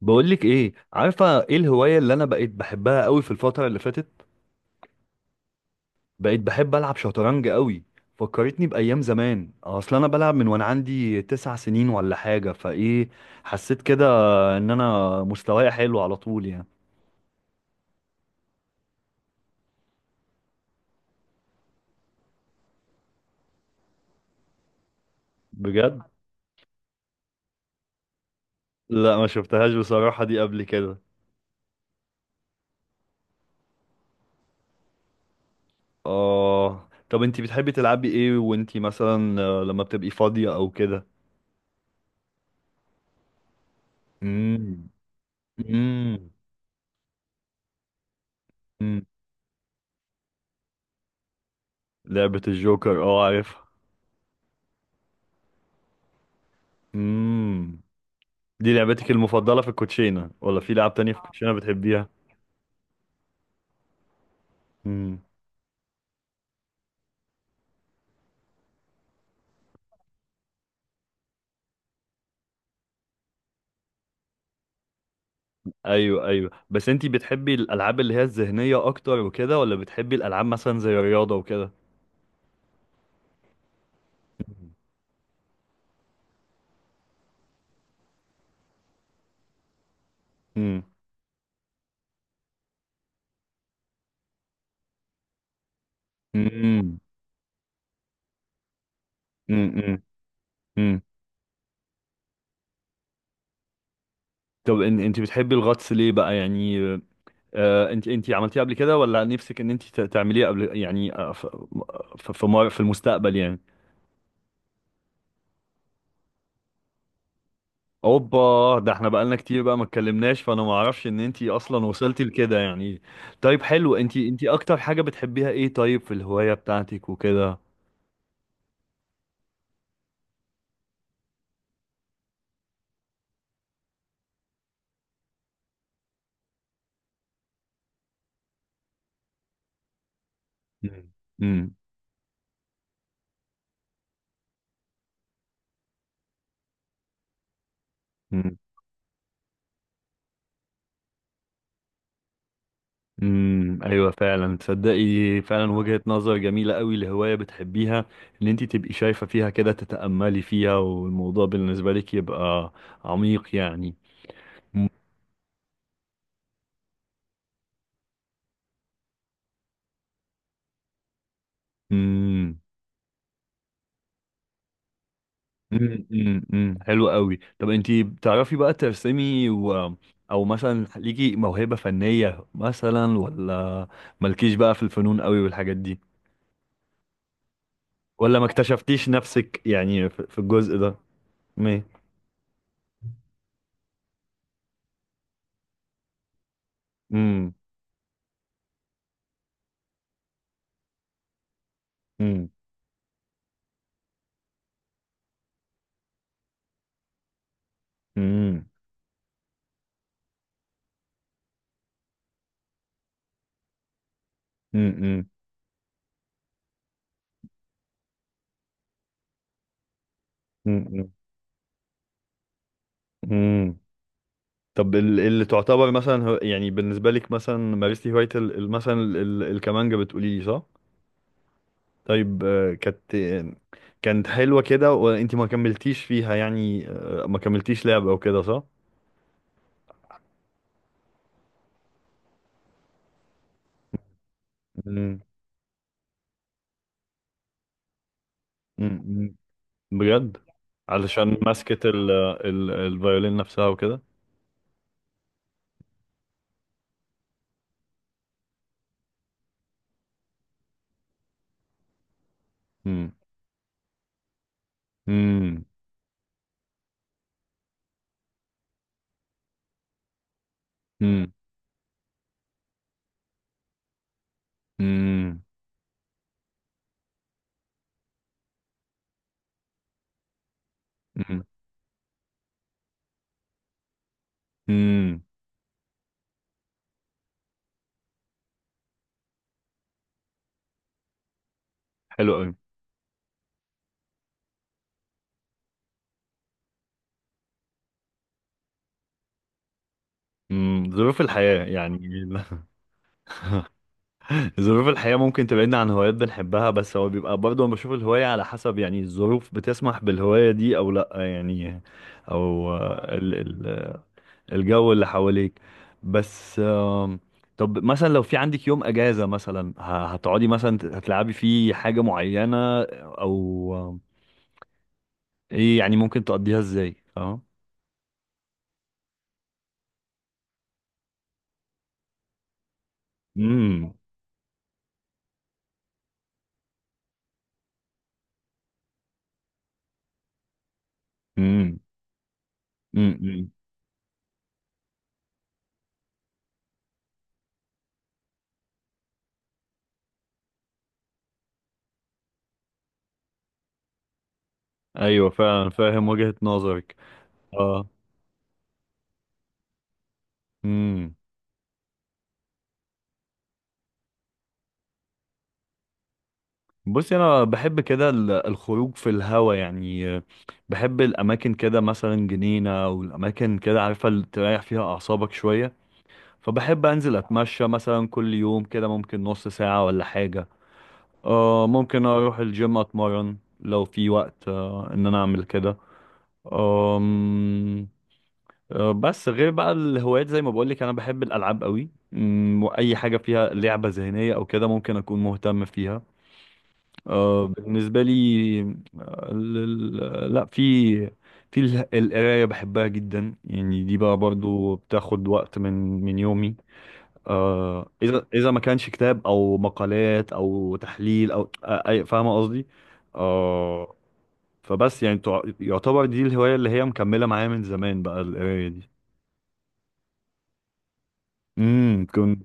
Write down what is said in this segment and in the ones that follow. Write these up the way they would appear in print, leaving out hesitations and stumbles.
بقولك ايه؟ عارفه ايه الهوايه اللي انا بقيت بحبها قوي في الفتره اللي فاتت؟ بقيت بحب العب شطرنج قوي. فكرتني بايام زمان، اصل انا بلعب من وانا عندي 9 سنين ولا حاجه فايه. حسيت كده ان انا مستواي حلو على طول يعني. بجد. لا، ما شفتهاش بصراحه دي قبل كده. اه، طب انتي بتحبي تلعبي ايه وانتي مثلا لما بتبقي فاضيه او كده؟ امم. امم. لعبه الجوكر، اه عارفها. امم. دي لعبتك المفضلة في الكوتشينة ولا في لعب تانية؟ في الكوتشينة بتحبيها؟ امم. ايوه ايوه، بس انتي بتحبي الالعاب اللي هي الذهنية اكتر وكده، ولا بتحبي الالعاب مثلا زي الرياضة وكده؟ امم. امم. امم. امم. طب ان انتي بتحبي الغطس ليه بقى يعني؟ انتي عملتيه قبل كده، ولا نفسك ان انتي تعمليه قبل يعني في المستقبل يعني؟ اوبا، ده احنا بقالنا كتير بقى ما اتكلمناش، فانا ما اعرفش ان انتي اصلا وصلتي لكده يعني. طيب حلو، انتي اكتر حاجة بتحبيها ايه طيب في الهواية بتاعتك وكده؟ مم. امم. امم. ايوه فعلا، تصدقي. فعلا وجهة نظر جميلة قوي لهواية بتحبيها. ان انتي تبقي شايفة فيها كده، تتأملي فيها، والموضوع بالنسبة لك يبقى عميق يعني. امم. امم. امم. أمم. حلو قوي، طب انتي بتعرفي بقى ترسمي او مثلا ليكي موهبة فنية مثلا، ولا مالكيش بقى في الفنون قوي والحاجات دي، ولا ما اكتشفتيش نفسك يعني في الجزء ده؟ مي. امم. امم. امم. امم. امم. امم. طب اللي تعتبر مثلا يعني بالنسبة لك مثلا مارستي هواية مثلا الكمانجة، بتقولي لي صح؟ طيب كانت كانت حلوة كده وانتي ما كملتيش فيها يعني، ما كملتيش لعبة وكده، صح؟ مم. مم. مم. بجد؟ علشان ماسكة ال ال الفيولين نفسها وكده؟ مم. مم. مم. مم. مم. مم. حلو قوي. مم. ظروف الحياة يعني. ظروف الحياة ممكن تبعدنا عن هوايات بنحبها، بس هو بيبقى برضه أنا بشوف الهواية على حسب يعني، الظروف بتسمح بالهواية دي أو لأ يعني، أو آه، ال ال الجو اللي حواليك، بس طب مثلا لو في عندك يوم اجازة مثلا هتقعدي مثلا هتلعبي فيه حاجة معينة، او ايه يعني ممكن تقضيها ازاي، فاهم؟ امم. امم. امم. ايوه فعلا فاهم وجهة نظرك. اه. امم. بصي، انا بحب كده الخروج في الهوا يعني، بحب الاماكن كده مثلا جنينة او الاماكن كده، عارفة اللي تريح فيها اعصابك شوية، فبحب انزل اتمشى مثلا كل يوم كده ممكن نص ساعة ولا حاجة، آه ممكن اروح الجيم اتمرن لو في وقت آه ان انا اعمل كده، آم، آه بس غير بقى الهوايات زي ما بقولك، انا بحب الالعاب قوي، واي حاجة فيها لعبة ذهنية او كده ممكن اكون مهتم فيها آه بالنسبة لي، لا، في القراية بحبها جدا يعني، دي بقى برضو بتاخد وقت من يومي، آه اذا ما كانش كتاب او مقالات او تحليل او اي، فاهمه قصدي. آه، فبس يعني يعتبر دي الهوايه اللي هي مكمله معايا من زمان بقى، القرايه دي. امم، كنت.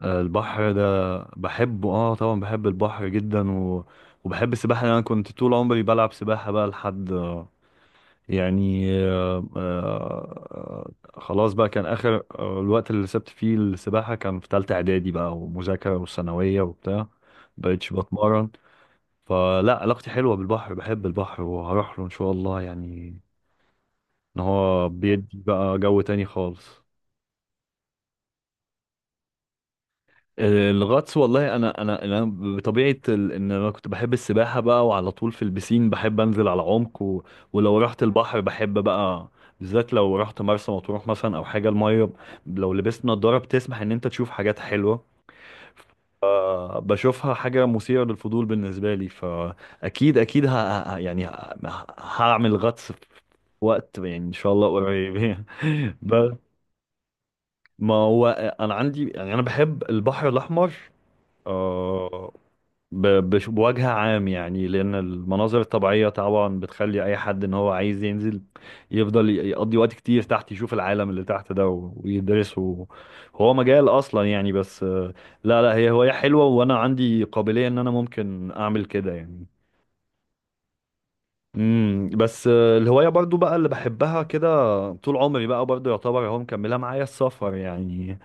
البحر ده بحبه، اه طبعا بحب البحر جدا وبحب السباحه، انا كنت طول عمري بلعب سباحه بقى لحد يعني، خلاص بقى، كان آخر الوقت اللي سبت فيه السباحة كان في تالتة إعدادي بقى، ومذاكرة وثانوية وبتاع مبقتش بتمرن. فلا، علاقتي حلوة بالبحر، بحب البحر وهروح له إن شاء الله يعني، إن هو بيدي بقى جو تاني خالص. الغطس والله انا ان انا كنت بحب السباحه بقى، وعلى طول في البسين بحب انزل على عمق ولو رحت البحر بحب بقى، بالذات لو رحت مرسى مطروح مثلا او حاجه، الميه لو لبست نضاره بتسمح ان انت تشوف حاجات حلوه، بشوفها حاجه مثيره للفضول بالنسبه لي، فاكيد ه- يعني هعمل غطس في وقت، يعني ان شاء الله قريب. بس. ما هو، انا عندي يعني انا بحب البحر الاحمر، آه، بوجه عام يعني، لأن المناظر الطبيعية طبعا بتخلي أي حد إن هو عايز ينزل يفضل يقضي وقت كتير تحت، يشوف العالم اللي تحت ده ويدرسه، هو مجال أصلا يعني، بس لا لا، هي هواية حلوة، وأنا عندي قابلية إن أنا ممكن أعمل كده يعني. امم، بس الهواية برضو بقى اللي بحبها كده طول عمري بقى برضو، يعتبر هو مكملها معايا السفر يعني،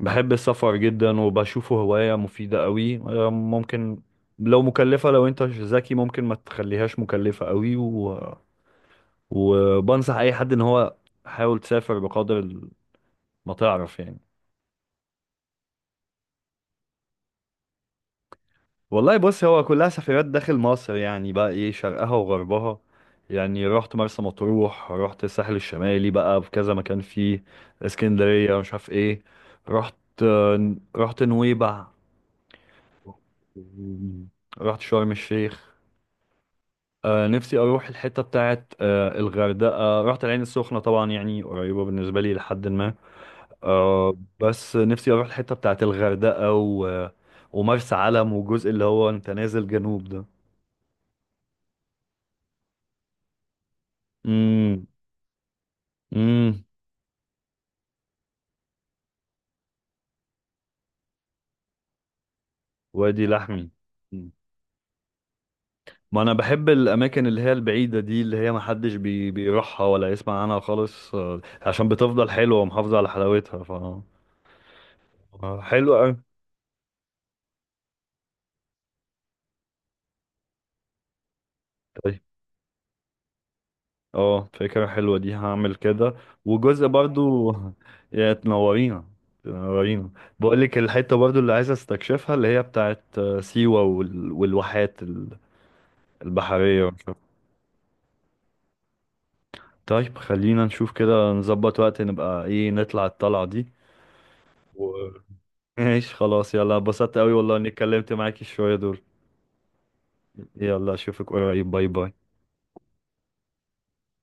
بحب السفر جدا وبشوفه هواية مفيدة قوي، ممكن لو مكلفة لو انت ذكي ممكن ما تخليهاش مكلفة قوي وبنصح اي حد ان هو حاول تسافر بقدر ما تعرف يعني. والله بص، هو كلها سفريات داخل مصر يعني بقى، ايه شرقها وغربها، يعني رحت مرسى مطروح، رحت الساحل الشمالي بقى في كذا مكان فيه، اسكندرية مش عارف ايه، رحت، رحت نويبع، رحت شرم الشيخ، آه نفسي اروح الحته بتاعت آه الغردقه، رحت العين السخنه طبعا، يعني قريبه بالنسبه لي، لحد ما آه، بس نفسي اروح الحته بتاعت الغردقه ومرسى علم والجزء اللي هو انت نازل جنوب ده. امم. امم. وادي لحمي. مم. ما انا بحب الاماكن اللي هي البعيده دي، اللي هي ما حدش بيروحها ولا يسمع عنها خالص، آه عشان بتفضل حلوه ومحافظه على حلاوتها، ف حلوه قوي. اه فكرة حلوة دي، هعمل كده. وجزء برضو، يا تنورينا، تنورينا. بقولك الحتة برضو اللي عايز استكشفها اللي هي بتاعت سيوة والواحات البحرية ومش عارف. طيب خلينا نشوف كده نظبط وقت، نبقى ايه، نطلع الطلعة دي و... ماشي خلاص، يلا، اتبسطت قوي والله اني اتكلمت معاكي شوية دول. يلا اشوفك قريب، باي باي.